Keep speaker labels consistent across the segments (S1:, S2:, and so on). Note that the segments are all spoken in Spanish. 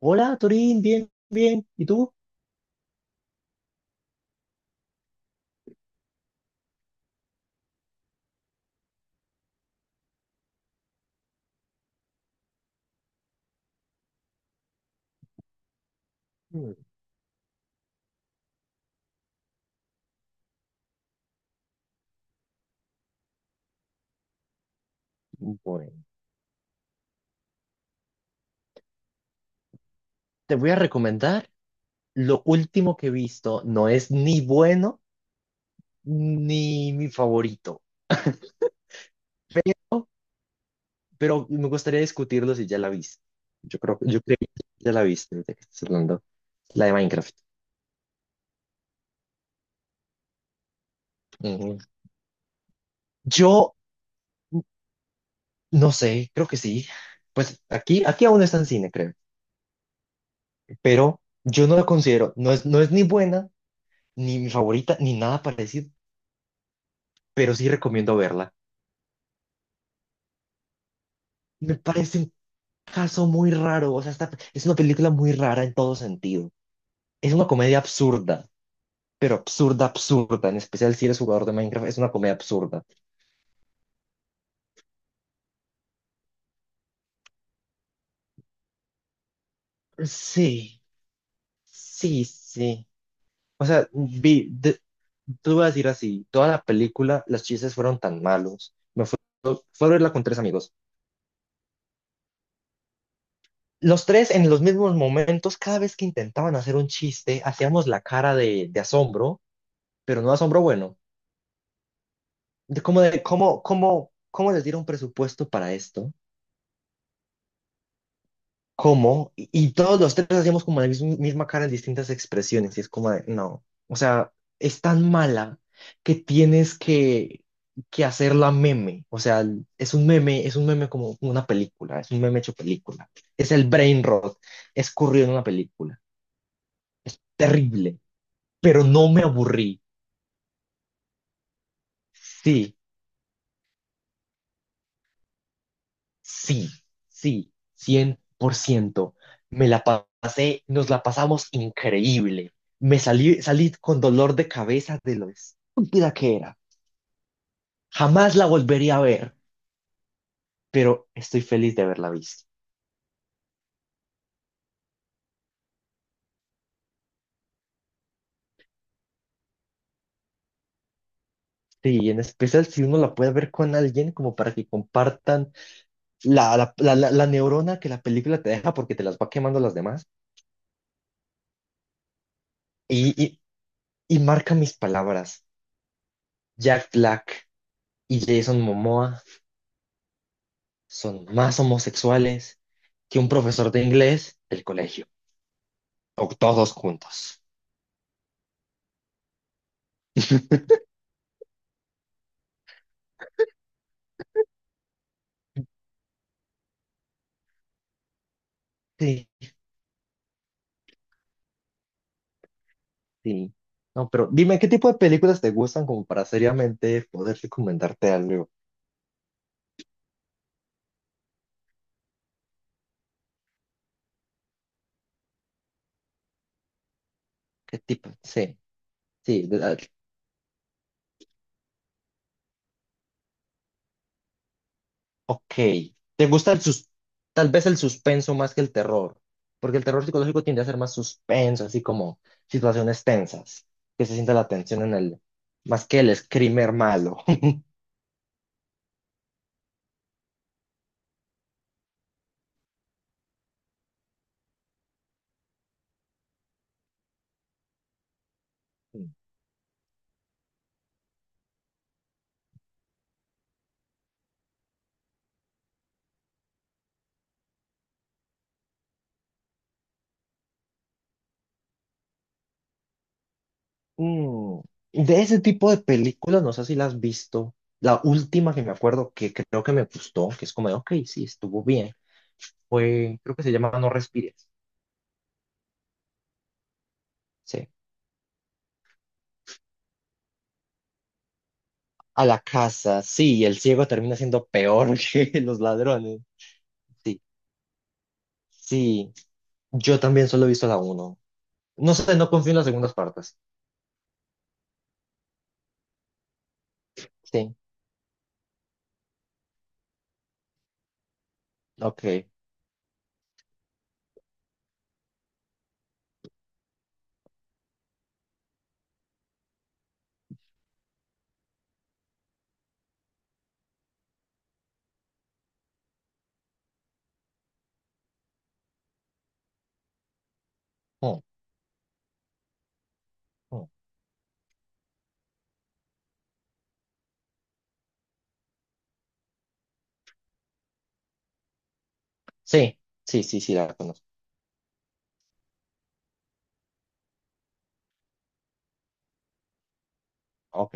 S1: Hola, Torín, bien, bien. ¿Y tú? Mm. Bueno. Te voy a recomendar lo último que he visto. No es ni bueno ni mi favorito, pero me gustaría discutirlo si ya la viste. Yo creo que ya la viste, ahorita que estás hablando. La de Minecraft. Ujú. Yo no sé, creo que sí. Pues aquí aún está en cine, creo. Pero yo no la considero, no es ni buena, ni mi favorita, ni nada parecido, pero sí recomiendo verla. Me parece un caso muy raro, o sea, es una película muy rara en todo sentido. Es una comedia absurda, pero absurda, absurda, en especial si eres jugador de Minecraft, es una comedia absurda. Sí. Sí, sí. O sea, tú vas a decir así, toda la película, los chistes fueron tan malos. Fue a verla con tres amigos. Los tres en los mismos momentos, cada vez que intentaban hacer un chiste, hacíamos la cara de asombro, pero no asombro bueno. De cómo, de, cómo les dieron presupuesto para esto? ¿Cómo? Y todos los tres hacíamos como la misma cara en distintas expresiones, y es como de, no, o sea, es tan mala que tienes que, que hacerla meme, o sea, es un meme como una película, es un meme hecho película, es el brain rot, es corrido en una película, terrible, pero no me aburrí, sí. Sí, sí, 100%. Me la pasé, nos la pasamos increíble. Salí con dolor de cabeza de lo estúpida que era. Jamás la volvería a ver, pero estoy feliz de haberla visto. Sí, y en especial si uno la puede ver con alguien, como para que compartan la neurona que la película te deja porque te las va quemando las demás. Y, y, y marca mis palabras. Jack Black y Jason Momoa son más homosexuales que un profesor de inglés del colegio, o todos juntos. Sí, sí. No, pero dime, ¿qué tipo de películas te gustan como para seriamente poder recomendarte algo? ¿Qué tipo? Sí, sí. Ok. ¿Te gusta el sus tal vez el suspenso más que el terror? Porque el terror psicológico tiende a ser más suspenso, así como situaciones tensas, que se sienta la tensión en el, más que el screamer malo. Mm, de ese tipo de películas, no sé si las has visto. La última que me acuerdo que creo que me gustó, que es como de, ok, sí, estuvo bien, fue, creo que se llama No respires. Sí. A la casa, sí, el ciego termina siendo peor que los ladrones. Sí, sí, yo también solo he visto la uno. No sé, no confío en las segundas partes. Sí, ok. Mm, mm. Sí, sí, sí, sí, la conozco. Ok.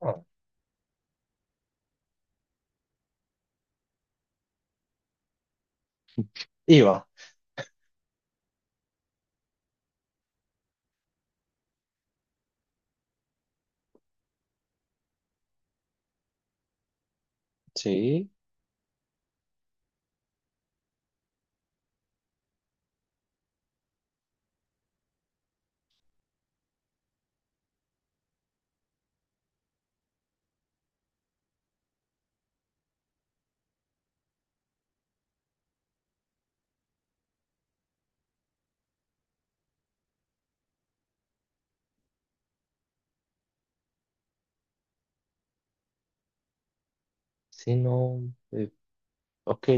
S1: Ah, iba. Sí, sí, no. Ok,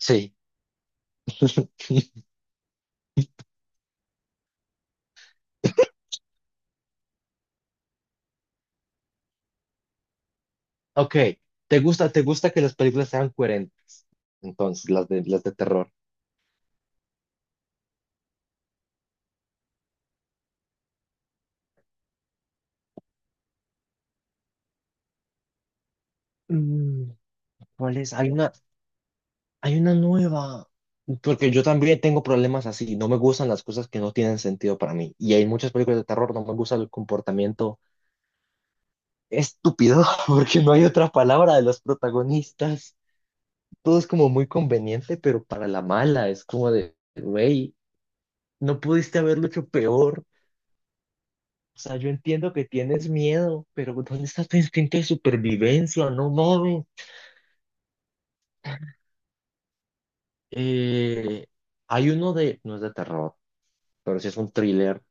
S1: sí. Ok, ¿te gusta que las películas sean coherentes? Entonces, las de terror. Mm, ¿cuál es? Hay una nueva. Porque yo también tengo problemas así. No me gustan las cosas que no tienen sentido para mí. Y hay muchas películas de terror, no me gusta el comportamiento estúpido, porque no hay otra palabra de los protagonistas. Todo es como muy conveniente, pero para la mala es como de, güey, no pudiste haberlo hecho peor. O sea, yo entiendo que tienes miedo, pero ¿dónde está tu instinto de supervivencia? No mames. Eh, hay uno de, no es de terror, pero sí es un thriller.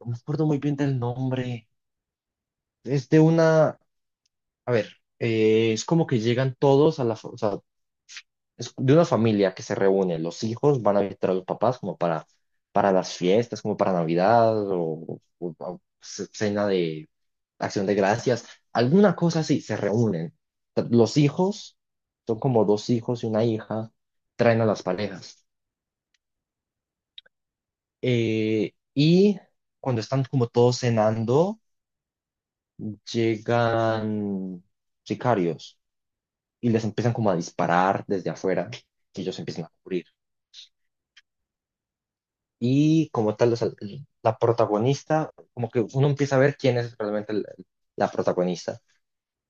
S1: No me acuerdo muy bien del nombre. Es de una, a ver, es como que llegan todos a la, o sea, es de una familia que se reúne, los hijos van a visitar a los papás como para las fiestas, como para Navidad o cena de Acción de Gracias, alguna cosa así, se reúnen. Los hijos son como dos hijos y una hija, traen a las parejas. Y cuando están como todos cenando, llegan sicarios y les empiezan como a disparar desde afuera y ellos empiezan a cubrir. Y como tal, o sea, la protagonista, como que uno empieza a ver quién es realmente la, la protagonista.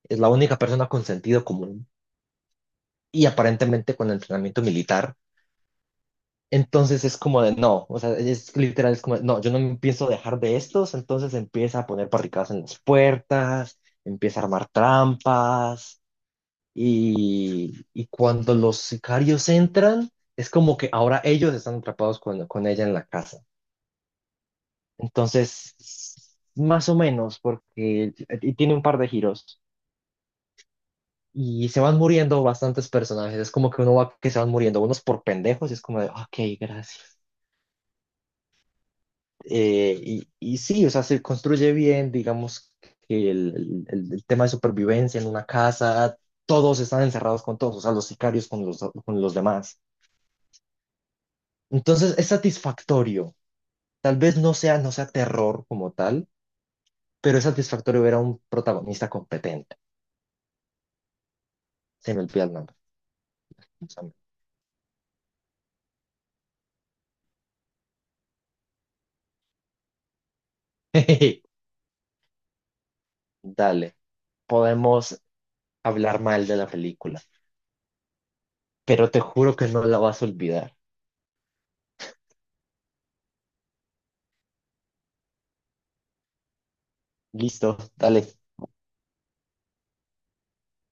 S1: Es la única persona con sentido común y aparentemente con entrenamiento militar. Entonces es como de no, o sea, es literal, es como de, no, yo no me pienso dejar de estos, entonces empieza a poner barricadas en las puertas, empieza a armar trampas y cuando los sicarios entran, es como que ahora ellos están atrapados con ella en la casa. Entonces, más o menos, porque y tiene un par de giros y se van muriendo bastantes personajes. Es como que uno va que se van muriendo, unos por pendejos, y es como de, ok, gracias. Y sí, o sea, se construye bien, digamos, que el tema de supervivencia en una casa, todos están encerrados con todos, o sea, los sicarios con los demás. Entonces, es satisfactorio. Tal vez no sea terror como tal, pero es satisfactorio ver a un protagonista competente. Se me olvida el nombre. Pásame. Dale, podemos hablar mal de la película, pero te juro que no la vas a olvidar. Listo, dale.